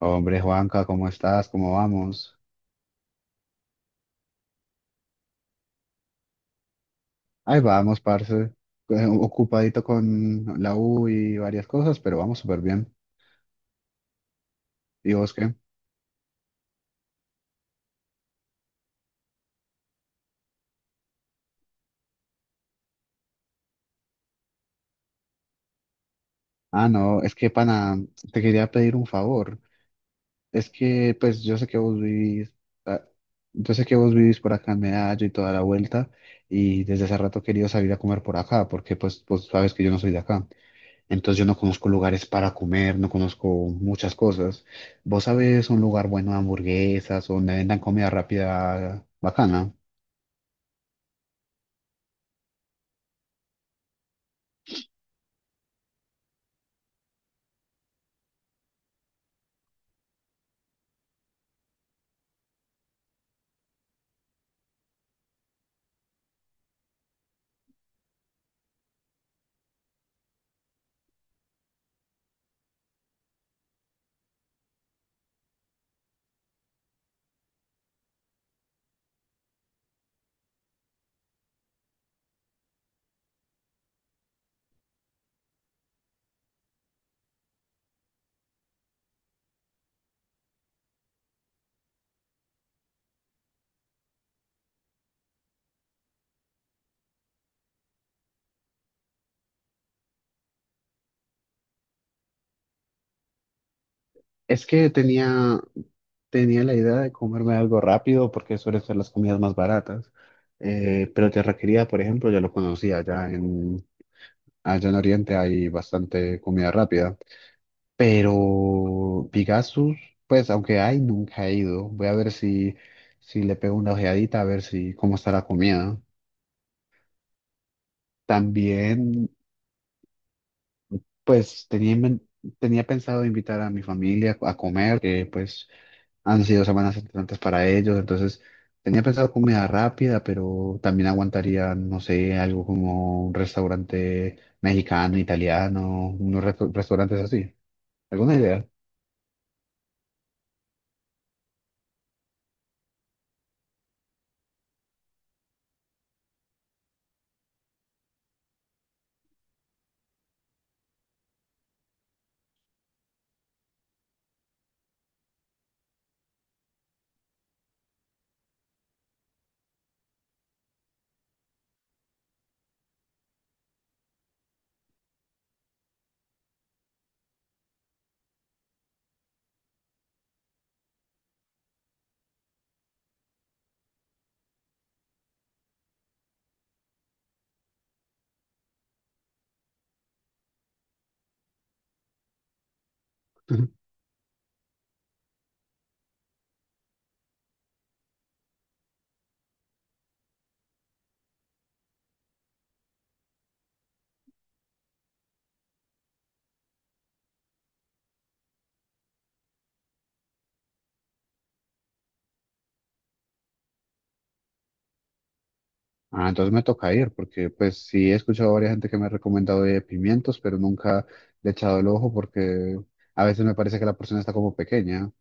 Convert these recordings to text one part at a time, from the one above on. Hombre, Juanca, ¿cómo estás? ¿Cómo vamos? Ahí vamos, parce. Ocupadito con la U y varias cosas, pero vamos súper bien. ¿Y vos qué? Ah, no, es que pana, te quería pedir un favor. Es que, pues, yo sé que vos vivís, ah, yo sé que vos vivís por acá en Medallo y toda la vuelta, y desde hace rato he querido salir a comer por acá, porque, pues, vos sabes que yo no soy de acá. Entonces yo no conozco lugares para comer, no conozco muchas cosas. ¿Vos sabés un lugar bueno de hamburguesas o donde vendan comida rápida bacana? Es que tenía la idea de comerme algo rápido porque suelen ser las comidas más baratas. Pero Terraquería, por ejemplo, ya lo conocía, allá en Oriente hay bastante comida rápida. Pero Pigasus, pues aunque hay, nunca he ido. Voy a ver si le pego una ojeadita, a ver si cómo está la comida. También, pues, tenía pensado invitar a mi familia a comer, que pues han sido semanas importantes para ellos, entonces tenía pensado comida rápida, pero también aguantaría, no sé, algo como un restaurante mexicano, italiano, restaurantes así. ¿Alguna idea? Ah, entonces me toca ir, porque pues sí he escuchado a varias gente que me ha recomendado de pimientos, pero nunca le he echado el ojo porque a veces me parece que la porción está como pequeña.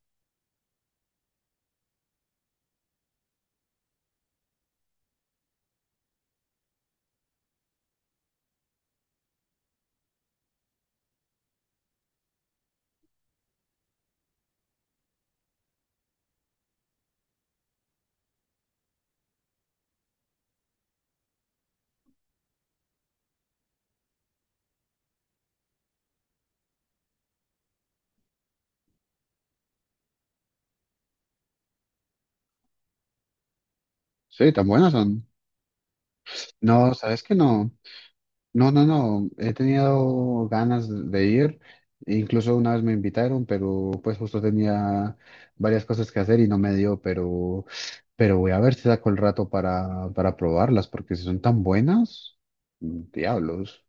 Sí, tan buenas son. No, sabes que no. No, no, no. He tenido ganas de ir. Incluso una vez me invitaron, pero pues justo tenía varias cosas que hacer y no me dio, pero voy a ver si saco el rato para probarlas, porque si son tan buenas, diablos.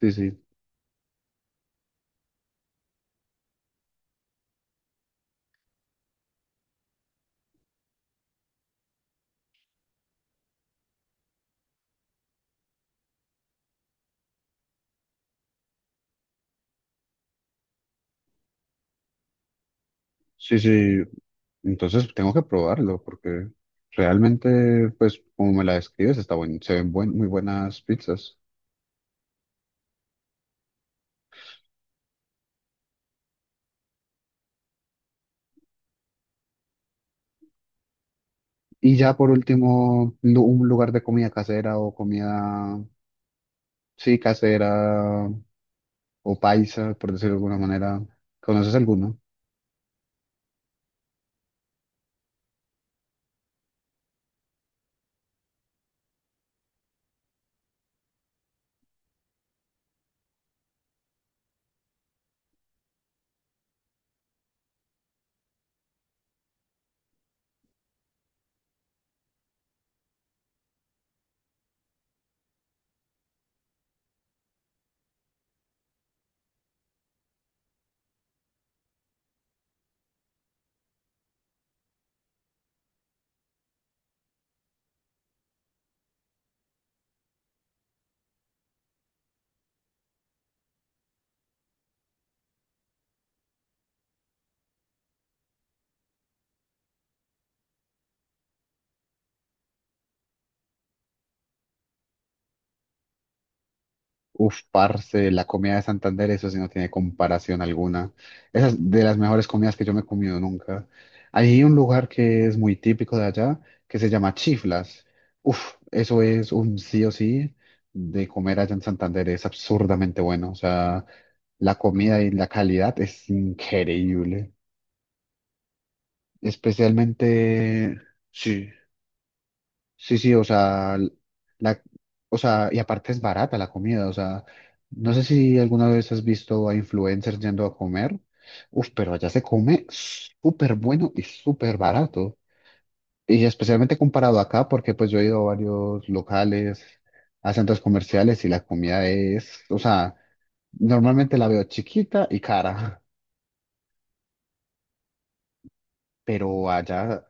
Sí, sí, sí, sí. Entonces tengo que probarlo, porque realmente, pues como me la describes, está buen, muy buenas pizzas. Y ya por último, un lugar de comida casera o comida. Sí, casera o paisa, por decirlo de alguna manera. ¿Conoces alguno? Uf, parce, la comida de Santander, eso sí no tiene comparación alguna. Esa es de las mejores comidas que yo me he comido nunca. Hay un lugar que es muy típico de allá, que se llama Chiflas. Uf, eso es un sí o sí de comer allá en Santander, es absurdamente bueno. O sea, la comida y la calidad es increíble. Especialmente, sí. Sí, sí, o sea, la, o sea, y aparte es barata la comida, o sea, no sé si alguna vez has visto a influencers yendo a comer, uf, pero allá se come súper bueno y súper barato, y especialmente comparado acá, porque pues yo he ido a varios locales, a centros comerciales y la comida es, o sea, normalmente la veo chiquita y cara, pero allá,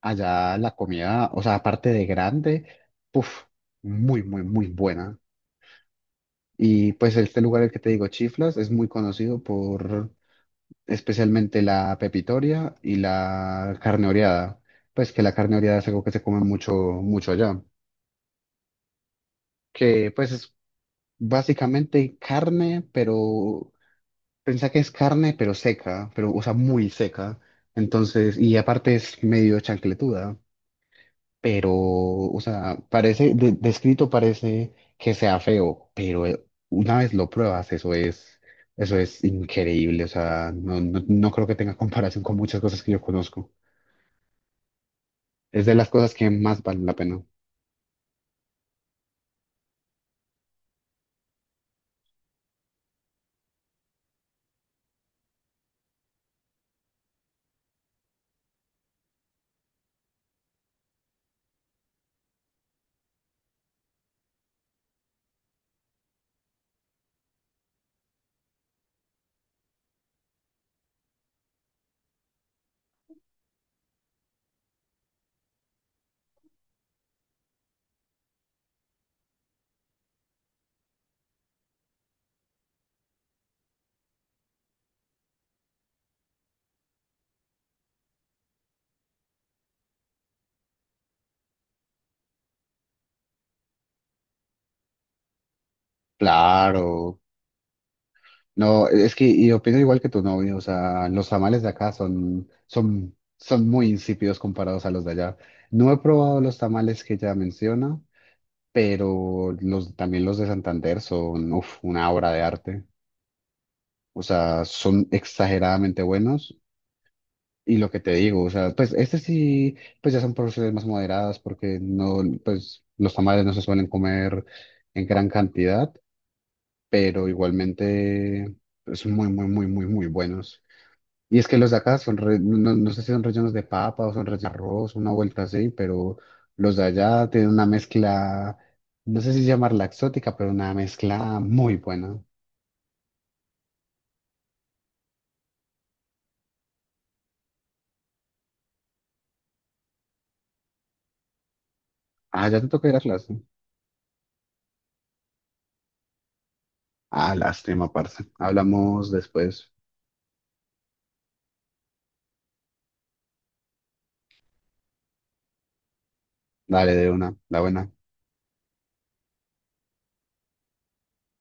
allá la comida, o sea, aparte de grande, uf, muy, muy, muy buena. Y pues este lugar, el que te digo, Chiflas, es muy conocido por especialmente la pepitoria y la carne oreada. Pues que la carne oreada es algo que se come mucho, mucho allá. Que pues es básicamente carne, pero pensá que es carne, pero seca, pero o sea, muy seca. Entonces, y aparte es medio chancletuda. Pero, o sea, parece, descrito parece que sea feo, pero una vez lo pruebas, eso es increíble, o sea, no, no, no creo que tenga comparación con muchas cosas que yo conozco. Es de las cosas que más valen la pena. Claro, no, es que y opino igual que tu novio, o sea, los tamales de acá son, son muy insípidos comparados a los de allá. No he probado los tamales que ya menciona, pero los, también los de Santander son, uf, una obra de arte. O sea, son exageradamente buenos. Y lo que te digo, o sea, pues este sí, pues ya son porciones más moderadas porque no, pues los tamales no se suelen comer en gran cantidad, pero igualmente pues, son muy, muy, muy, muy, muy buenos. Y es que los de acá son, no, no sé si son rellenos de papa o son rellenos de arroz, una vuelta así, pero los de allá tienen una mezcla, no sé si llamarla exótica, pero una mezcla muy buena. Ah, ya te toca ir a clase. Ah, lástima, parce. Hablamos después. Dale de una, la buena.